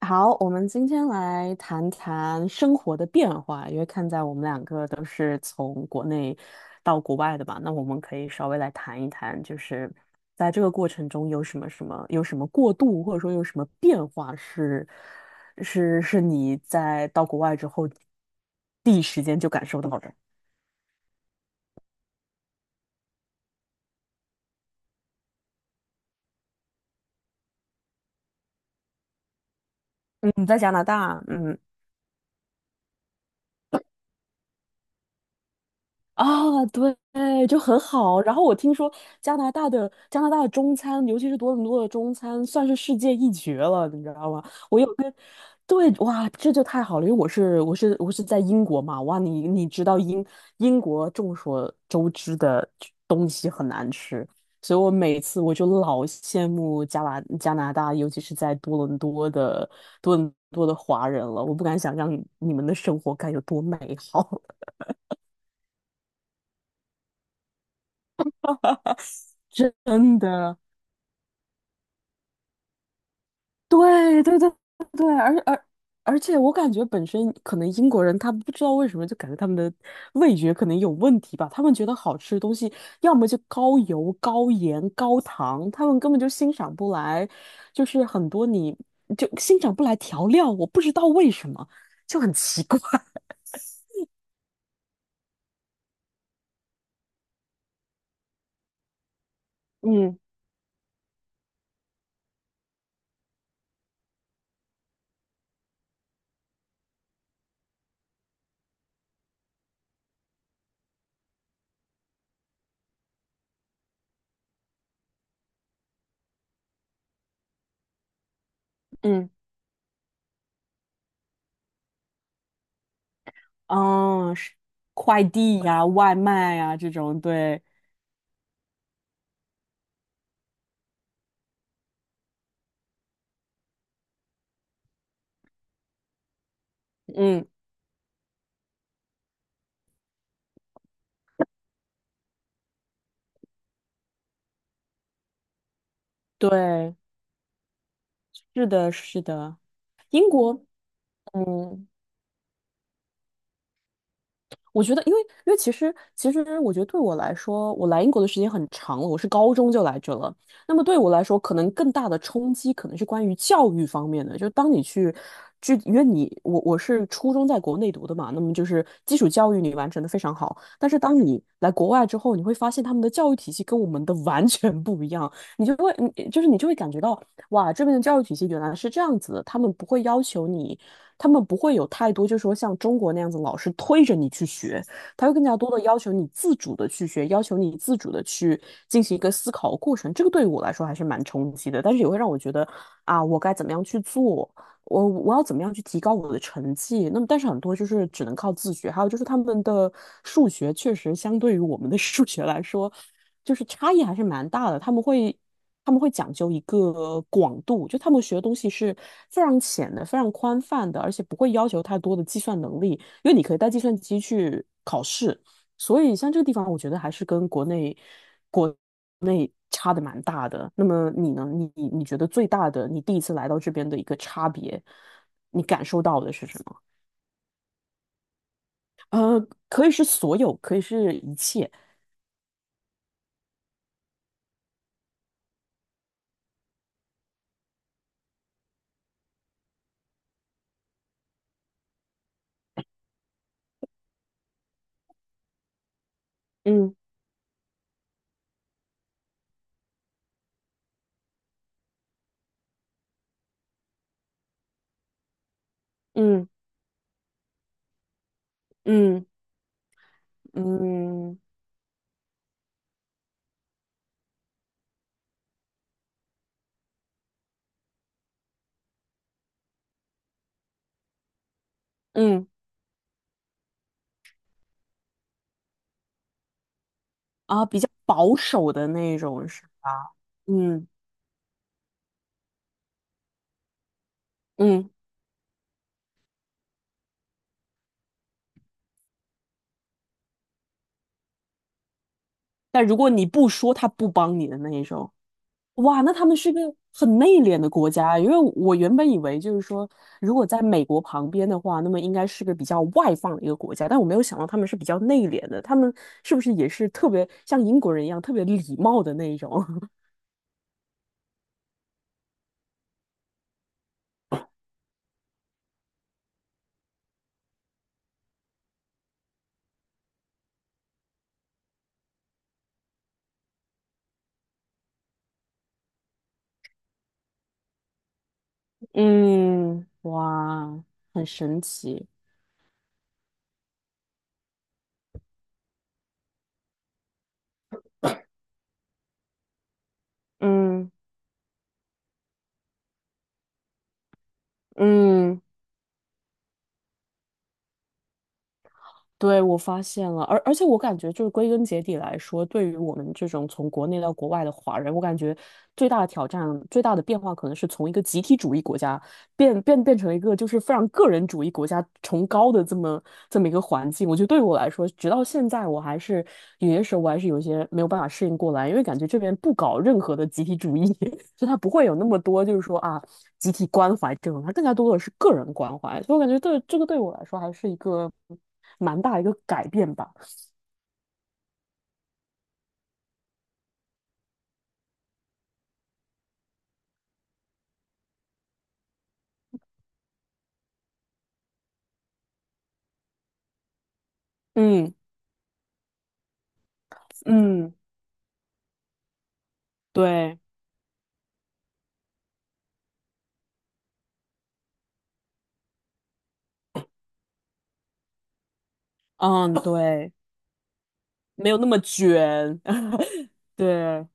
好，我们今天来谈谈生活的变化，因为看在我们两个都是从国内到国外的吧，那我们可以稍微来谈一谈，就是在这个过程中有什么过渡，或者说有什么变化是你在到国外之后第一时间就感受到的。嗯，在加拿大，嗯。啊，对，就很好。然后我听说加拿大的中餐，尤其是多伦多的中餐，算是世界一绝了，你知道吗？我有跟，对，哇，这就太好了，因为我是在英国嘛，哇，你知道英国众所周知的东西很难吃，所以我每次我就老羡慕加拿大，尤其是在多伦多的华人了，我不敢想象你们的生活该有多美好，真的。对对对对，而且我感觉本身可能英国人他不知道为什么就感觉他们的味觉可能有问题吧，他们觉得好吃的东西要么就高油、高盐、高糖，他们根本就欣赏不来，就是很多你就欣赏不来调料，我不知道为什么，就很奇怪。嗯嗯啊，是快递呀、外卖呀、这种，对，嗯对，是的，是的，英国。嗯，我觉得，因为其实，我觉得对我来说，我来英国的时间很长了，我是高中就来这了。那么对我来说，可能更大的冲击可能是关于教育方面的。就当你去，就因为我是初中在国内读的嘛，那么就是基础教育你完成的非常好。但是当你来国外之后，你会发现他们的教育体系跟我们的完全不一样，你就会感觉到，哇，这边的教育体系原来是这样子的，他们不会要求你。他们不会有太多，就是说像中国那样子，老师推着你去学，他会更加多的要求你自主的去学，要求你自主的去进行一个思考的过程。这个对于我来说还是蛮冲击的，但是也会让我觉得啊，我该怎么样去做，我要怎么样去提高我的成绩。那么，但是很多就是只能靠自学，还有就是他们的数学确实相对于我们的数学来说，就是差异还是蛮大的。他们会讲究一个广度，就他们学的东西是非常浅的、非常宽泛的，而且不会要求太多的计算能力，因为你可以带计算机去考试。所以像这个地方，我觉得还是跟国内差的蛮大的。那么你呢？你觉得最大的，你第一次来到这边的一个差别，你感受到的是什么？呃，可以是所有，可以是一切。嗯嗯嗯嗯嗯。啊，比较保守的那种是吧？嗯嗯，但如果你不说，他不帮你的那一种，哇，那他们是个很内敛的国家。因为我原本以为就是说，如果在美国旁边的话，那么应该是个比较外放的一个国家，但我没有想到他们是比较内敛的。他们是不是也是特别像英国人一样特别礼貌的那一种？嗯，哇，很神奇。嗯嗯。对，我发现了，而且我感觉就是归根结底来说，对于我们这种从国内到国外的华人，我感觉最大的挑战、最大的变化，可能是从一个集体主义国家变成一个就是非常个人主义国家崇高的这么一个环境。我觉得对于我来说，直到现在，我还是有些时候我还是有些没有办法适应过来，因为感觉这边不搞任何的集体主义，所以他不会有那么多就是说啊集体关怀这种，他更加多的是个人关怀。所以我感觉对我来说还是一个蛮大一个改变吧。嗯嗯，对，嗯 对，没有那么卷，对，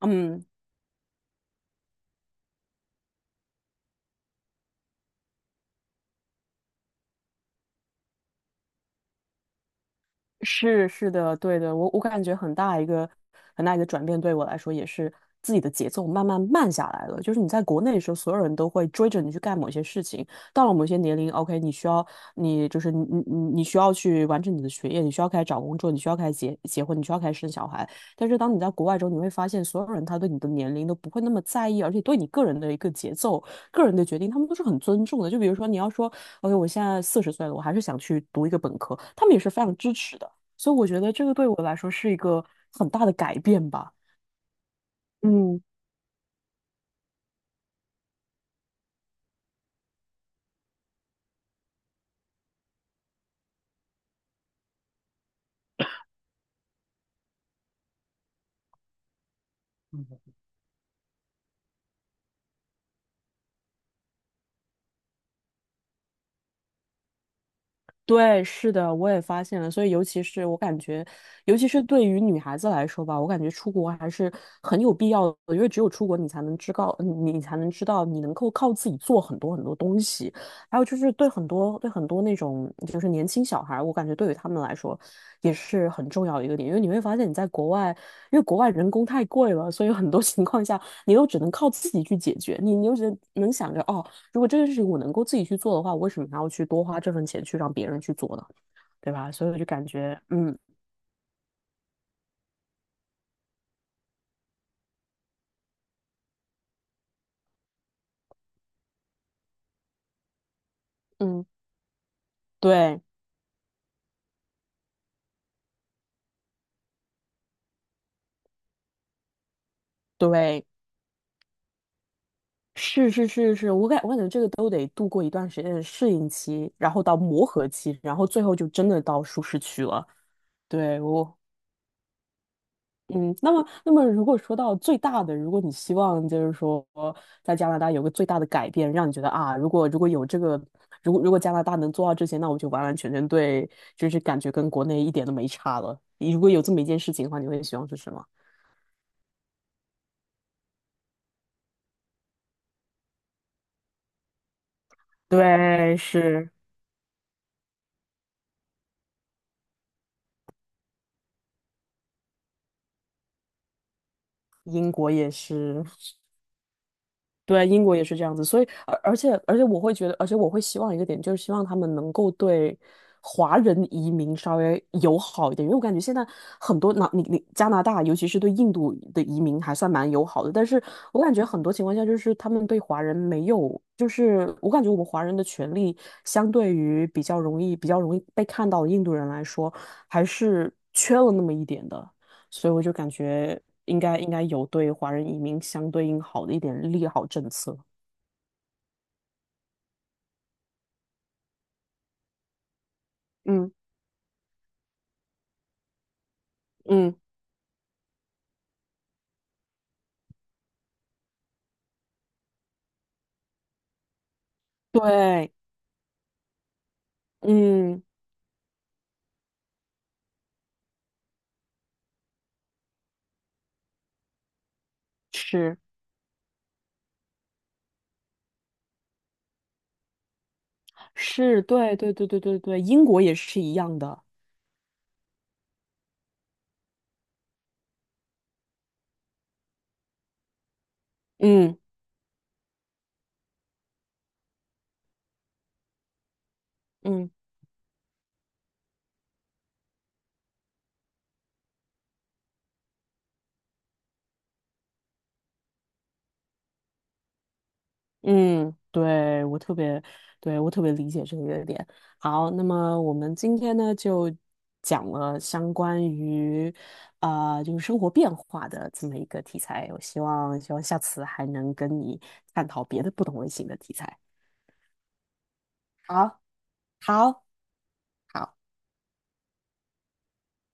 嗯。是的，对的，我感觉很大一个转变，对我来说也是自己的节奏慢慢慢下来了。就是你在国内的时候，所有人都会追着你去干某些事情，到了某些年龄，OK，你需要你就是你你你你需要去完成你的学业，你需要开始找工作，你需要开始结婚，你需要开始生小孩。但是当你在国外之后，你会发现所有人他对你的年龄都不会那么在意，而且对你个人的一个节奏、个人的决定，他们都是很尊重的。就比如说你要说，OK，我现在40岁了，我还是想去读一个本科，他们也是非常支持的。所以我觉得这个对我来说是一个很大的改变吧。嗯，对，是的，我也发现了。所以，尤其是我感觉，尤其是对于女孩子来说吧，我感觉出国还是很有必要的，因为只有出国，你才能知道，你才能知道，你能够靠自己做很多很多东西。还有就是对很多那种就是年轻小孩儿我感觉对于他们来说也是很重要的一个点，因为你会发现你在国外，因为国外人工太贵了，所以很多 情况下你都只能靠自己去解决，你又只能想着哦。如果这件事情我能够自己去做的话，我为什么还要去多花这份钱去让别人去做呢？对吧？所以我就感觉，嗯嗯，对对，是是是是，我感觉这个都得度过一段时间的适应期，然后到磨合期，然后最后就真的到舒适区了。对，嗯，那么，如果说到最大的，如果你希望就是说在加拿大有个最大的改变，让你觉得啊，如果有这个，如果加拿大能做到这些，那我就完完全全对，就是感觉跟国内一点都没差了。如果有这么一件事情的话，你会希望是什么？对，是。英国也是。对，英国也是这样子，所以而且我会觉得，而且我会希望一个点，就是希望他们能够对华人移民稍微友好一点，因为我感觉现在很多那、你你加拿大，尤其是对印度的移民还算蛮友好的，但是我感觉很多情况下就是他们对华人没有，就是我感觉我们华人的权利相对于比较容易被看到的印度人来说，还是缺了那么一点的。所以我就感觉应该有对华人移民相对应好的一点利好政策。嗯嗯，对，嗯，是是，对对对对对对，英国也是一样的。嗯嗯嗯，对，我特别，对，我特别理解这个点。好，那么我们今天呢就讲了相关于就是生活变化的这么一个题材。我希望下次还能跟你探讨别的不同类型的题材。好，好，好。